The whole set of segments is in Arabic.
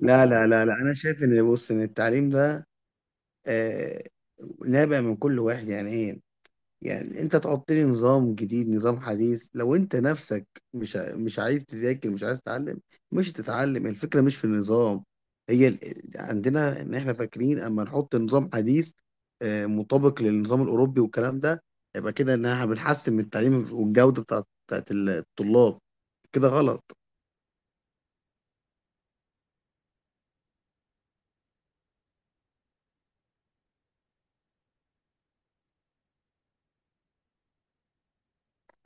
لا، انا شايف ان التعليم ده آه، نابع من كل واحد، يعني ايه؟ يعني انت تحط لي نظام جديد، نظام حديث، لو انت نفسك مش عايز تذاكر، مش عايز تتعلم، مش هتتعلم. الفكره مش في النظام، هي عندنا ان احنا فاكرين اما نحط نظام حديث مطابق للنظام الاوروبي والكلام ده، يبقى كده ان احنا بنحسن من التعليم والجوده بتاعت الطلاب. كده غلط.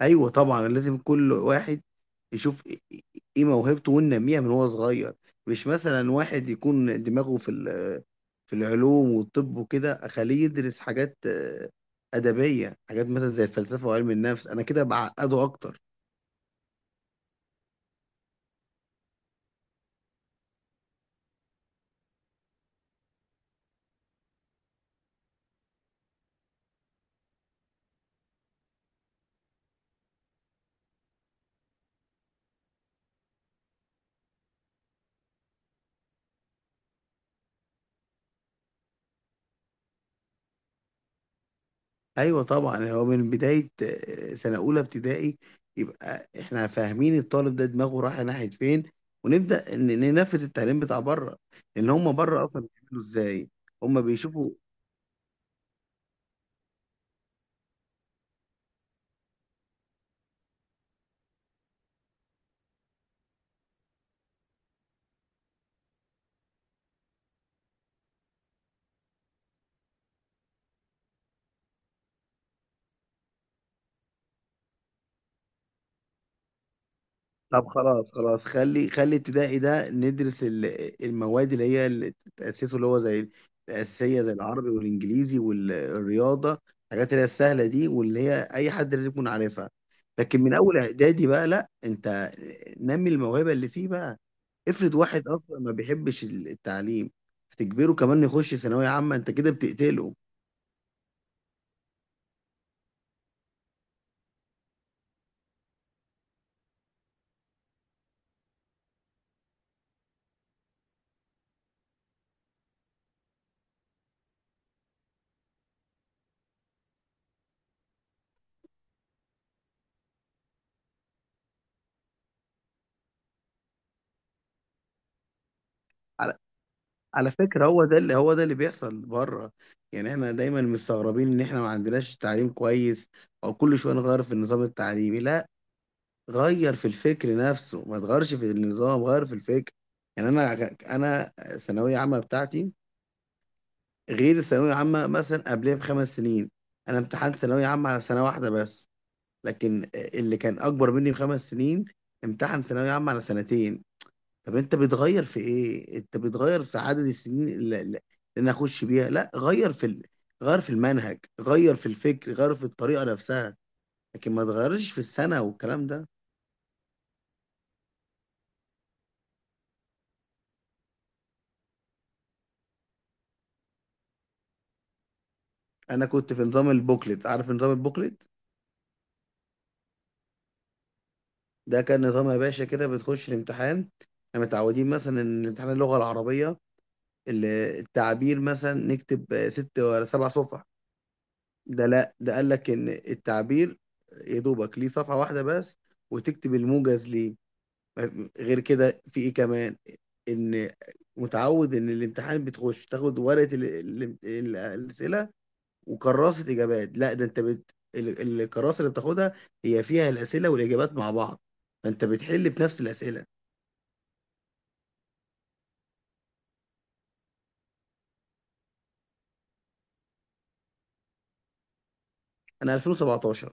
ايوه طبعا، لازم كل واحد يشوف إيه موهبته وينميها من هو صغير. مش مثلا واحد يكون دماغه في العلوم والطب وكده اخليه يدرس حاجات ادبيه، حاجات مثلا زي الفلسفه وعلم النفس، انا كده بعقده اكتر. ايوه طبعا، هو من بدايه سنه اولى ابتدائي يبقى احنا فاهمين الطالب ده دماغه رايحه ناحيه فين، ونبدا ننفذ التعليم بتاع بره. لان هم بره اصلا بيعملوا ازاي؟ هم بيشوفوا. طب خلاص خلاص، خلي ابتدائي ده ندرس المواد اللي هي اللي تأسسه، اللي هو زي الأساسية، زي العربي والإنجليزي والرياضة، الحاجات اللي هي السهلة دي واللي هي أي حد لازم يكون عارفها. لكن من أول إعدادي بقى لأ، أنت نمي الموهبة اللي فيه بقى. افرض واحد أصلا ما بيحبش التعليم، هتجبره كمان يخش ثانوية عامة؟ أنت كده بتقتله. على فكرة، هو ده اللي، هو ده اللي بيحصل بره. يعني احنا دايما مستغربين ان احنا ما عندناش تعليم كويس، او كل شوية نغير في النظام التعليمي. لا، غير في الفكر نفسه، ما تغيرش في النظام، غير في الفكر. يعني انا، انا الثانوية عامة بتاعتي غير الثانوية العامة مثلا قبلها بخمس سنين. انا امتحنت ثانوية عامة على سنة واحدة بس، لكن اللي كان اكبر مني بخمس سنين امتحن ثانوية عامة على سنتين. طب انت بتغير في ايه؟ انت بتغير في عدد السنين اللي انا اخش بيها؟ لا، غير غير في المنهج، غير في الفكر، غير في الطريقه نفسها، لكن ما تغيرش في السنه والكلام ده. انا كنت في نظام البوكلت، عارف نظام البوكلت؟ ده كان نظام يا باشا، كده بتخش الامتحان. احنا متعودين مثلا ان امتحان اللغه العربيه ال- التعبير مثلا نكتب ست ولا سبع صفح، ده لا، ده قال لك ان التعبير يا دوبك ليه صفحه واحده بس، وتكتب الموجز ليه. غير كده في ايه كمان؟ ان متعود ان الامتحان بتخش تاخد ورقه الاسئله وكراسه اجابات، لا، ده انت الكراسه اللي بتاخدها هي فيها الاسئله والاجابات مع بعض، فانت بتحل في نفس الاسئله. انا 2017.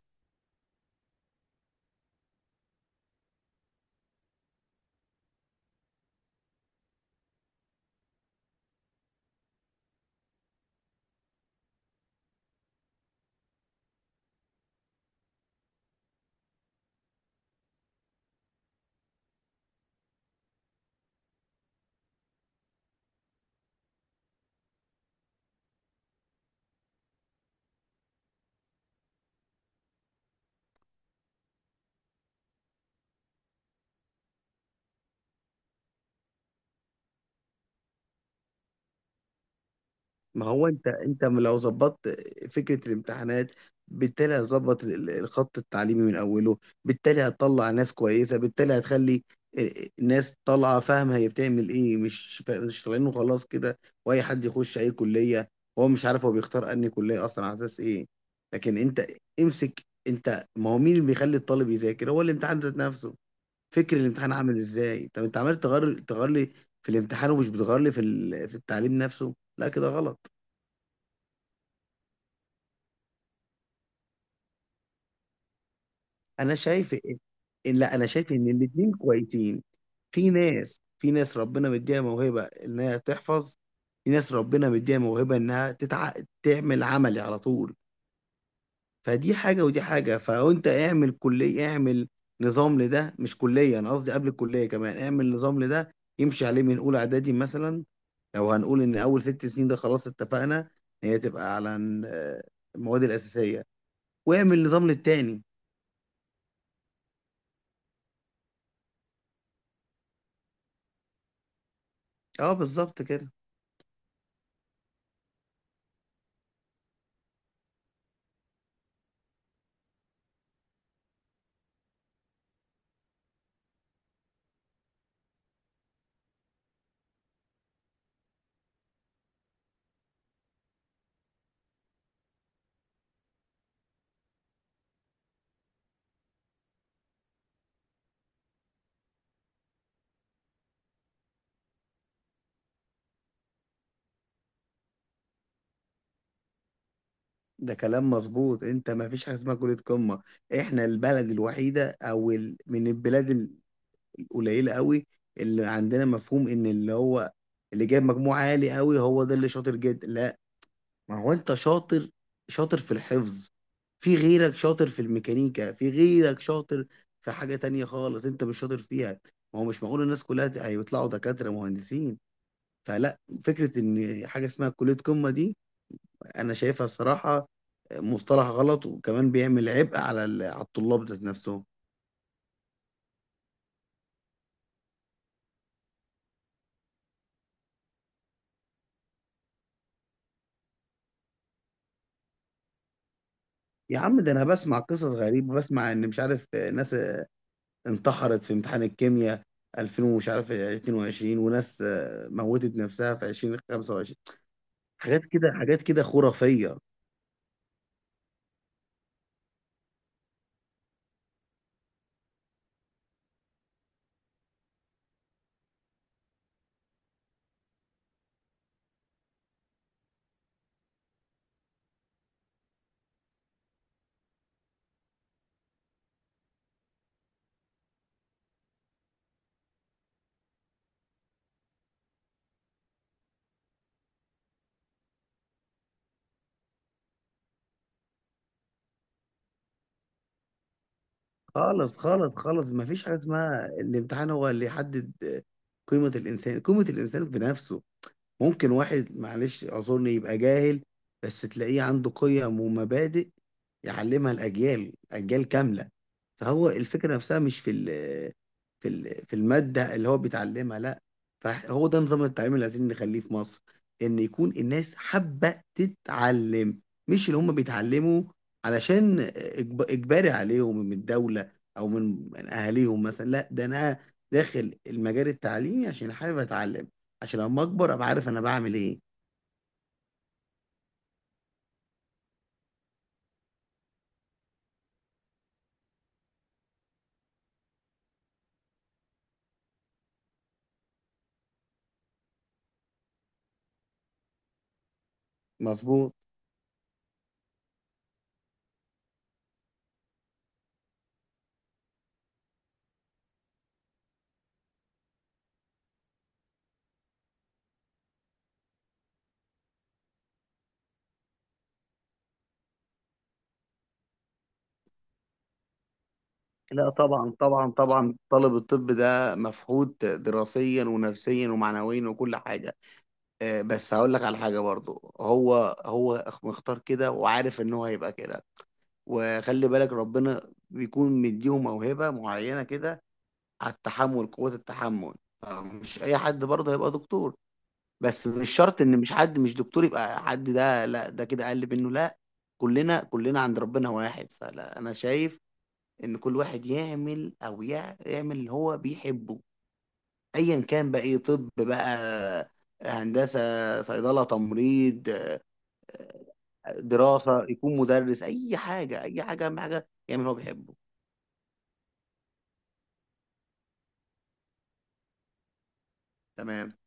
ما هو انت، انت لو ظبطت فكره الامتحانات، بالتالي هتظبط الخط التعليمي من اوله، بالتالي هتطلع ناس كويسه، بالتالي هتخلي ناس طالعه فاهمه هي بتعمل ايه، مش مش طالعين وخلاص كده واي حد يخش اي كليه هو مش عارف هو بيختار انهي كليه اصلا على اساس ايه. لكن انت امسك، انت ما هو مين اللي بيخلي الطالب يذاكر؟ هو الامتحان ذات نفسه. فكر الامتحان عامل ازاي. طب انت عمال تغير لي في الامتحان، ومش بتغير لي في التعليم نفسه. لا كده غلط. انا شايف إن- لا انا شايف ان الاتنين كويسين. في ناس ربنا مديها موهبه انها تحفظ، في ناس ربنا مديها موهبه تعمل عملي على طول. فدي حاجه ودي حاجه، فانت اعمل كليه، اعمل نظام لده، مش كليه، انا قصدي قبل الكليه كمان اعمل نظام لده يمشي عليه من اولى اعدادي مثلا. لو هنقول ان اول ست سنين ده خلاص، اتفقنا هي تبقى على المواد الاساسيه، واعمل نظام للتاني. اه بالظبط كده. ده كلام مظبوط، انت ما فيش حاجه اسمها كليه قمه. احنا البلد الوحيده من البلاد القليله قوي اللي عندنا مفهوم ان اللي هو اللي جايب مجموع عالي قوي هو ده اللي شاطر جدا. لا، ما هو انت شاطر، شاطر في الحفظ، في غيرك شاطر في الميكانيكا، في غيرك شاطر في حاجه تانية خالص انت مش شاطر فيها. ما هو مش معقول الناس كلها هيطلعوا دكاتره مهندسين، فلا. فكره ان حاجه اسمها كليه قمه دي انا شايفها الصراحه مصطلح غلط، وكمان بيعمل عبء على على الطلاب ذات نفسهم. يا عم ده انا بسمع قصص غريبه، بسمع ان مش عارف ناس انتحرت في امتحان الكيمياء 2000 ومش عارف 22، وناس موتت نفسها في 2025، حاجات كده، حاجات كده خرافيه. خالص خالص خالص، ما فيش حاجه اسمها الامتحان هو اللي يحدد قيمه الانسان. قيمه الانسان بنفسه. ممكن واحد معلش اعذرني يبقى جاهل، بس تلاقيه عنده قيم ومبادئ يعلمها الاجيال، اجيال كامله. فهو الفكرة نفسها مش في ال في ال في المادة اللي هو بيتعلمها. لا، فهو ده نظام التعليم اللي عايزين نخليه في مصر، ان يكون الناس حابة تتعلم، مش اللي هم بيتعلموا علشان اجباري عليهم من الدولة او من اهاليهم مثلا. لا، ده انا داخل المجال التعليمي عشان حابب اتعلم، عشان لما اكبر ابقى عارف انا بعمل ايه. مظبوط. لا طبعا طبعا طبعا، طالب الطب ده مفقود دراسيا ونفسيا ومعنويا وكل حاجة. بس هقول لك على حاجة برضو، هو مختار كده وعارف ان هو هيبقى كده. وخلي بالك ربنا بيكون مديهم موهبة معينة كده، على التحمل، قوة التحمل. مش اي حد برضه هيبقى دكتور، بس مش شرط ان مش حد مش دكتور يبقى حد ده، لا ده كده اقل منه. لا، كلنا عند ربنا واحد، فلا انا شايف ان كل واحد يعمل، يعمل اللي هو بيحبه، ايا كان بقى، ايه، طب بقى، هندسة، صيدلة، تمريض، دراسة، يكون مدرس، أي حاجة، أي حاجة، أهم حاجة يعمل اللي هو بيحبه. تمام.